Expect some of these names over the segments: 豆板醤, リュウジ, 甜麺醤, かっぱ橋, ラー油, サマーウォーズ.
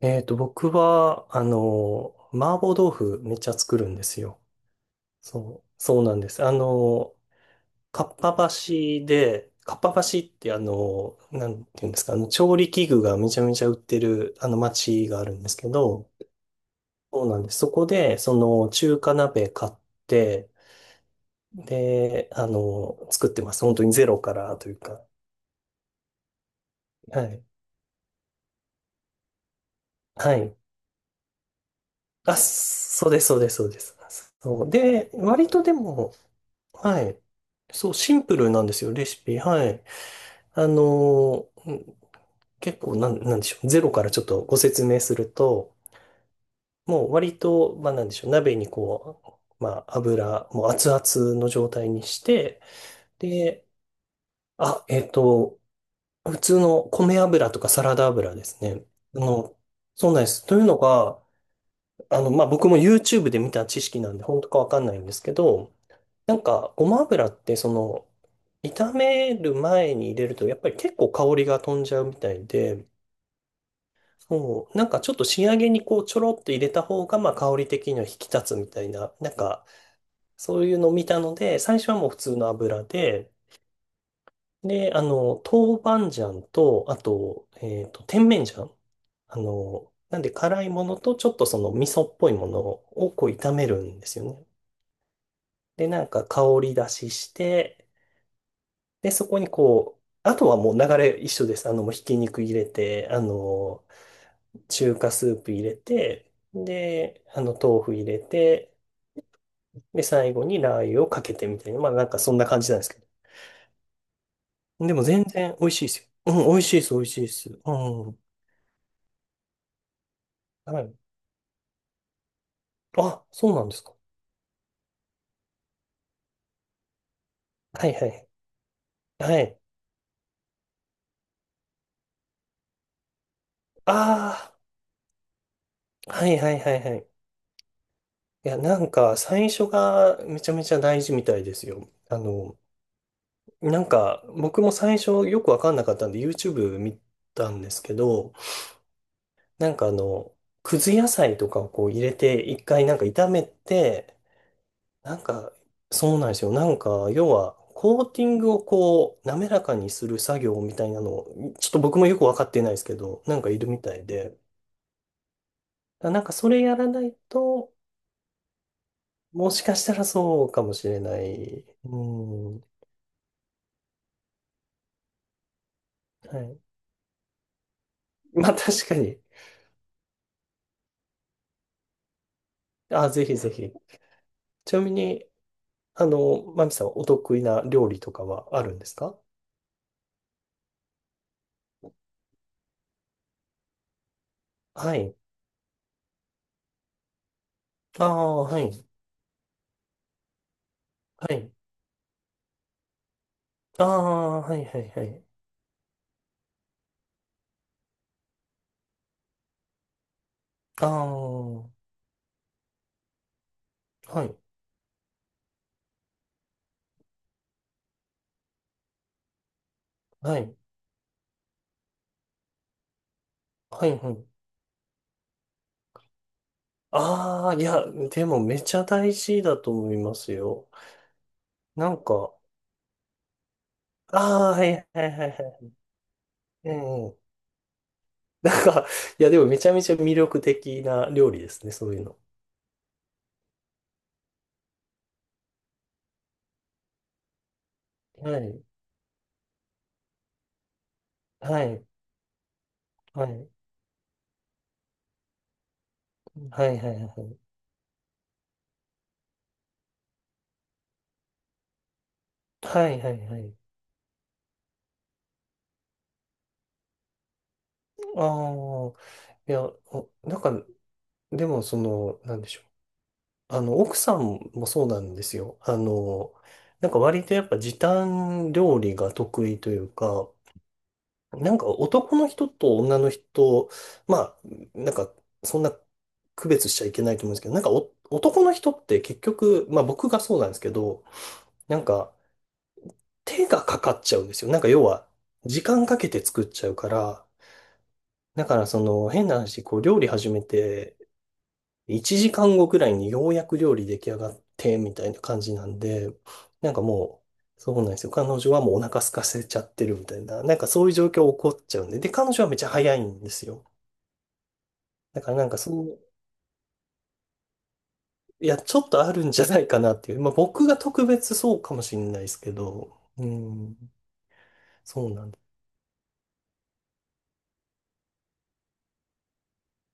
僕は、麻婆豆腐めっちゃ作るんですよ。そう、そうなんです。かっぱ橋で、かっぱ橋ってなんていうんですか、調理器具がめちゃめちゃ売ってる、町があるんですけど、そうなんです。そこで、中華鍋買って、で、作ってます。本当にゼロからというか。はい。はい。あ、そうです、そうです、そうです。そう。で、割とでも、はい。そう、シンプルなんですよ、レシピ。はい。うん結構なんでしょう。ゼロからちょっとご説明すると、もう割と、まあなんでしょう。鍋にこう、まあ油、もう熱々の状態にして、で、あ、えっと、普通の米油とかサラダ油ですね。あの、そうなんです。というのが、まあ僕も YouTube で見た知識なんで、本当かわかんないんですけど、なんか、ごま油って、炒める前に入れると、やっぱり結構香りが飛んじゃうみたいで、そう、なんかちょっと仕上げにこう、ちょろっと入れた方が、まあ、香り的には引き立つみたいな、なんか、そういうのを見たので、最初はもう普通の油で、で、豆板醤と、あと、甜麺醤。なんで辛いものと、ちょっとその味噌っぽいものをこう、炒めるんですよね。で、なんか香り出しして、で、そこにこう、あとはもう流れ一緒です。もうひき肉入れて、中華スープ入れて、で、豆腐入れて、で、最後にラー油をかけてみたいな、まあなんかそんな感じなんですけど。でも全然美味しいですよ。うん、美味しいです、美味しいです。うん。はい。あ、そうなんですか。はいはい。はい。ああ、はいはいはいはい。いや、なんか最初がめちゃめちゃ大事みたいですよ。なんか、僕も最初よくわかんなかったんで YouTube 見たんですけど、なんかくず野菜とかをこう入れて、一回なんか炒めて、なんか、そうなんですよ。なんか、要は、コーティングをこう、滑らかにする作業みたいなのを、ちょっと僕もよくわかってないですけど、なんかいるみたいで、だなんかそれやらないと、もしかしたらそうかもしれない。うん。はい。まあ確かに。あ、ぜひぜひ。ちなみに、マミさん、お得意な料理とかはあるんですか。はい。ああ、はい。はい。ああ、はい、はい、はい。ああ、はい、はい、はい、はい。ああ、いや、でもめちゃ大事だと思いますよ。なんか、ああ、はい、はい、はい、はい。うんうん。 なんか、いや、でもめちゃめちゃ魅力的な料理ですね、そういうの。はい、はい、はい、はい、はい、はい。はい、はい、はい。ああ、いや、おなんか、でも、なんでしょう。奥さんもそうなんですよ。なんか割とやっぱ時短料理が得意というか、なんか男の人と女の人、まあ、なんかそんな区別しちゃいけないと思うんですけど、なんかお男の人って結局、まあ僕がそうなんですけど、なんか手がかかっちゃうんですよ。なんか要は時間かけて作っちゃうから、だからその変な話、こう料理始めて1時間後くらいにようやく料理出来上がって、みたいな感じなんで、なんかもう、そうなんですよ。彼女はもうお腹空かせちゃってるみたいな、なんかそういう状況起こっちゃうんで、で、彼女はめっちゃ早いんですよ。だからなんかそう、いや、ちょっとあるんじゃないかなっていう。まあ僕が特別そうかもしれないですけど、うん、そうなんだ。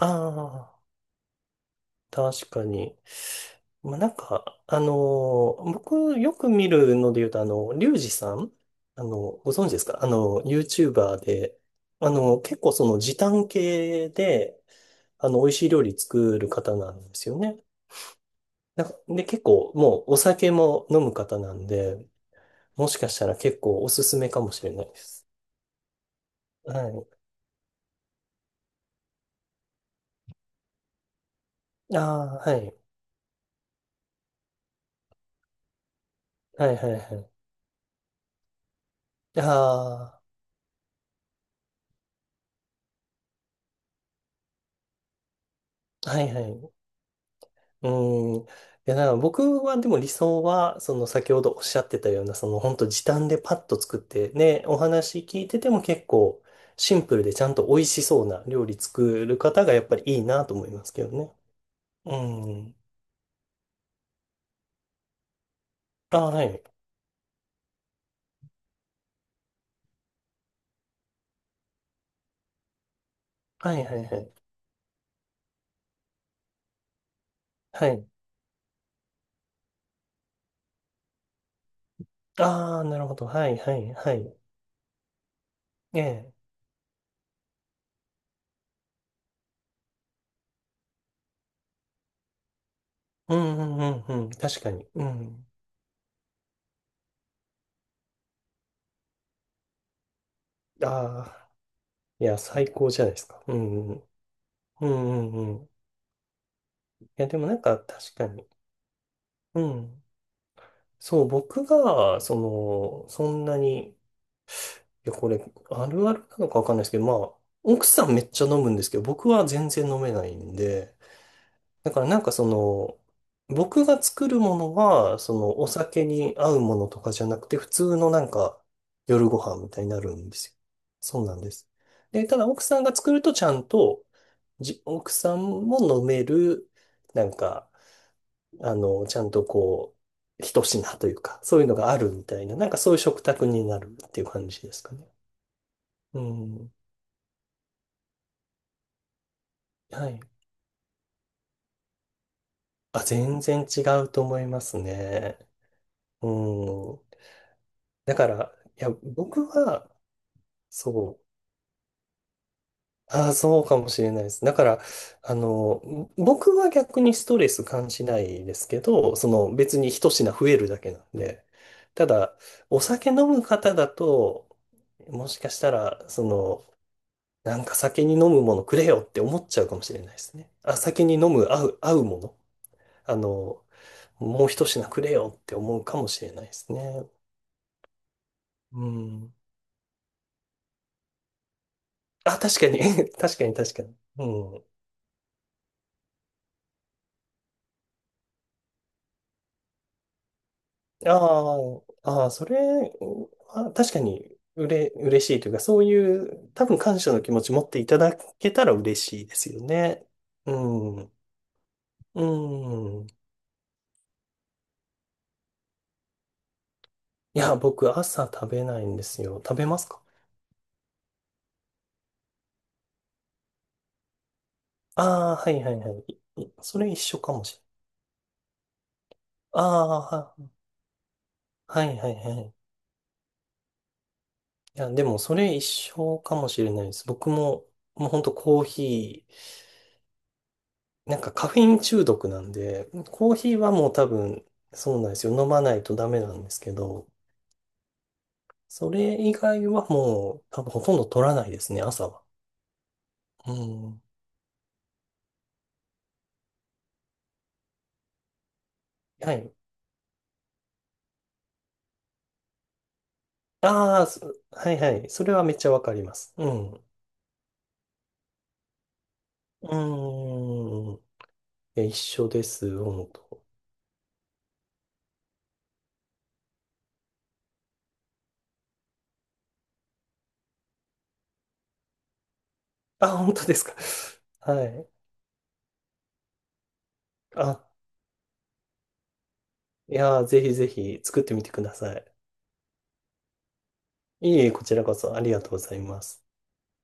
ああ。確かに。まあ、なんか、僕よく見るので言うと、リュウジさん、ご存知ですか。YouTuber で、結構その時短系で、美味しい料理作る方なんですよね。なんか、で、結構もうお酒も飲む方なんで、もしかしたら結構おすすめかもしれないです。はい。ああ、はい。はいはいはい。ああ、はいはい。うん。いや、だから僕はでも理想は、その先ほどおっしゃってたような、その本当時短でパッと作って、ね、お話聞いてても結構シンプルでちゃんと美味しそうな料理作る方がやっぱりいいなと思いますけどね。うん。あ、はい。はいはいはい。はい。ああ、なるほど。はいはいはい。ええ。うんうんうんうん。確かに。うん。ああ、いや、最高じゃないですか。うんうん。うんうんうん。いや、でもなんか確かに。うん。そう、そんなに、いや、これ、あるあるなのかわかんないですけど、まあ、奥さんめっちゃ飲むんですけど、僕は全然飲めないんで、だからなんかその、僕が作るものは、お酒に合うものとかじゃなくて、普通のなんか、夜ご飯みたいになるんですよ。そうなんです。で、ただ奥さんが作るとちゃんと、奥さんも飲める、なんか、ちゃんとこう、一品というか、そういうのがあるみたいな、なんかそういう食卓になるっていう感じですかね。うん。はい。あ、全然違うと思いますね。うん。だから、いや、僕は、そう。ああ、そうかもしれないです。だから、僕は逆にストレス感じないですけど、その別に一品増えるだけなんで。ただ、お酒飲む方だと、もしかしたら、なんか酒に飲むものくれよって思っちゃうかもしれないですね。あ、酒に飲む合うもの。あの、もう一品くれよって思うかもしれないですね。うん。あ、確かに。確かに確かに。うん。ああ、ああ、それは確かに嬉しいというか、そういう多分感謝の気持ち持っていただけたら嬉しいですよね。うん。うん。いや、僕朝食べないんですよ。食べますか。ああはいはいはい。いそれ一緒かもしれない。ああ、はいはいはい。いや、でもそれ一緒かもしれないです。僕も、もうほんとコーヒー、なんかカフェイン中毒なんで、コーヒーはもう多分、そうなんですよ。飲まないとダメなんですけど、それ以外はもう多分ほとんど取らないですね、朝は。うん。はい。ああ、そはいはい。それはめっちゃわかります。うん。うーん。いや、一緒です、本当。あ、本当ですか。はい。あ、いやー、ぜひぜひ作ってみてください。いえいえ、こちらこそありがとうございます。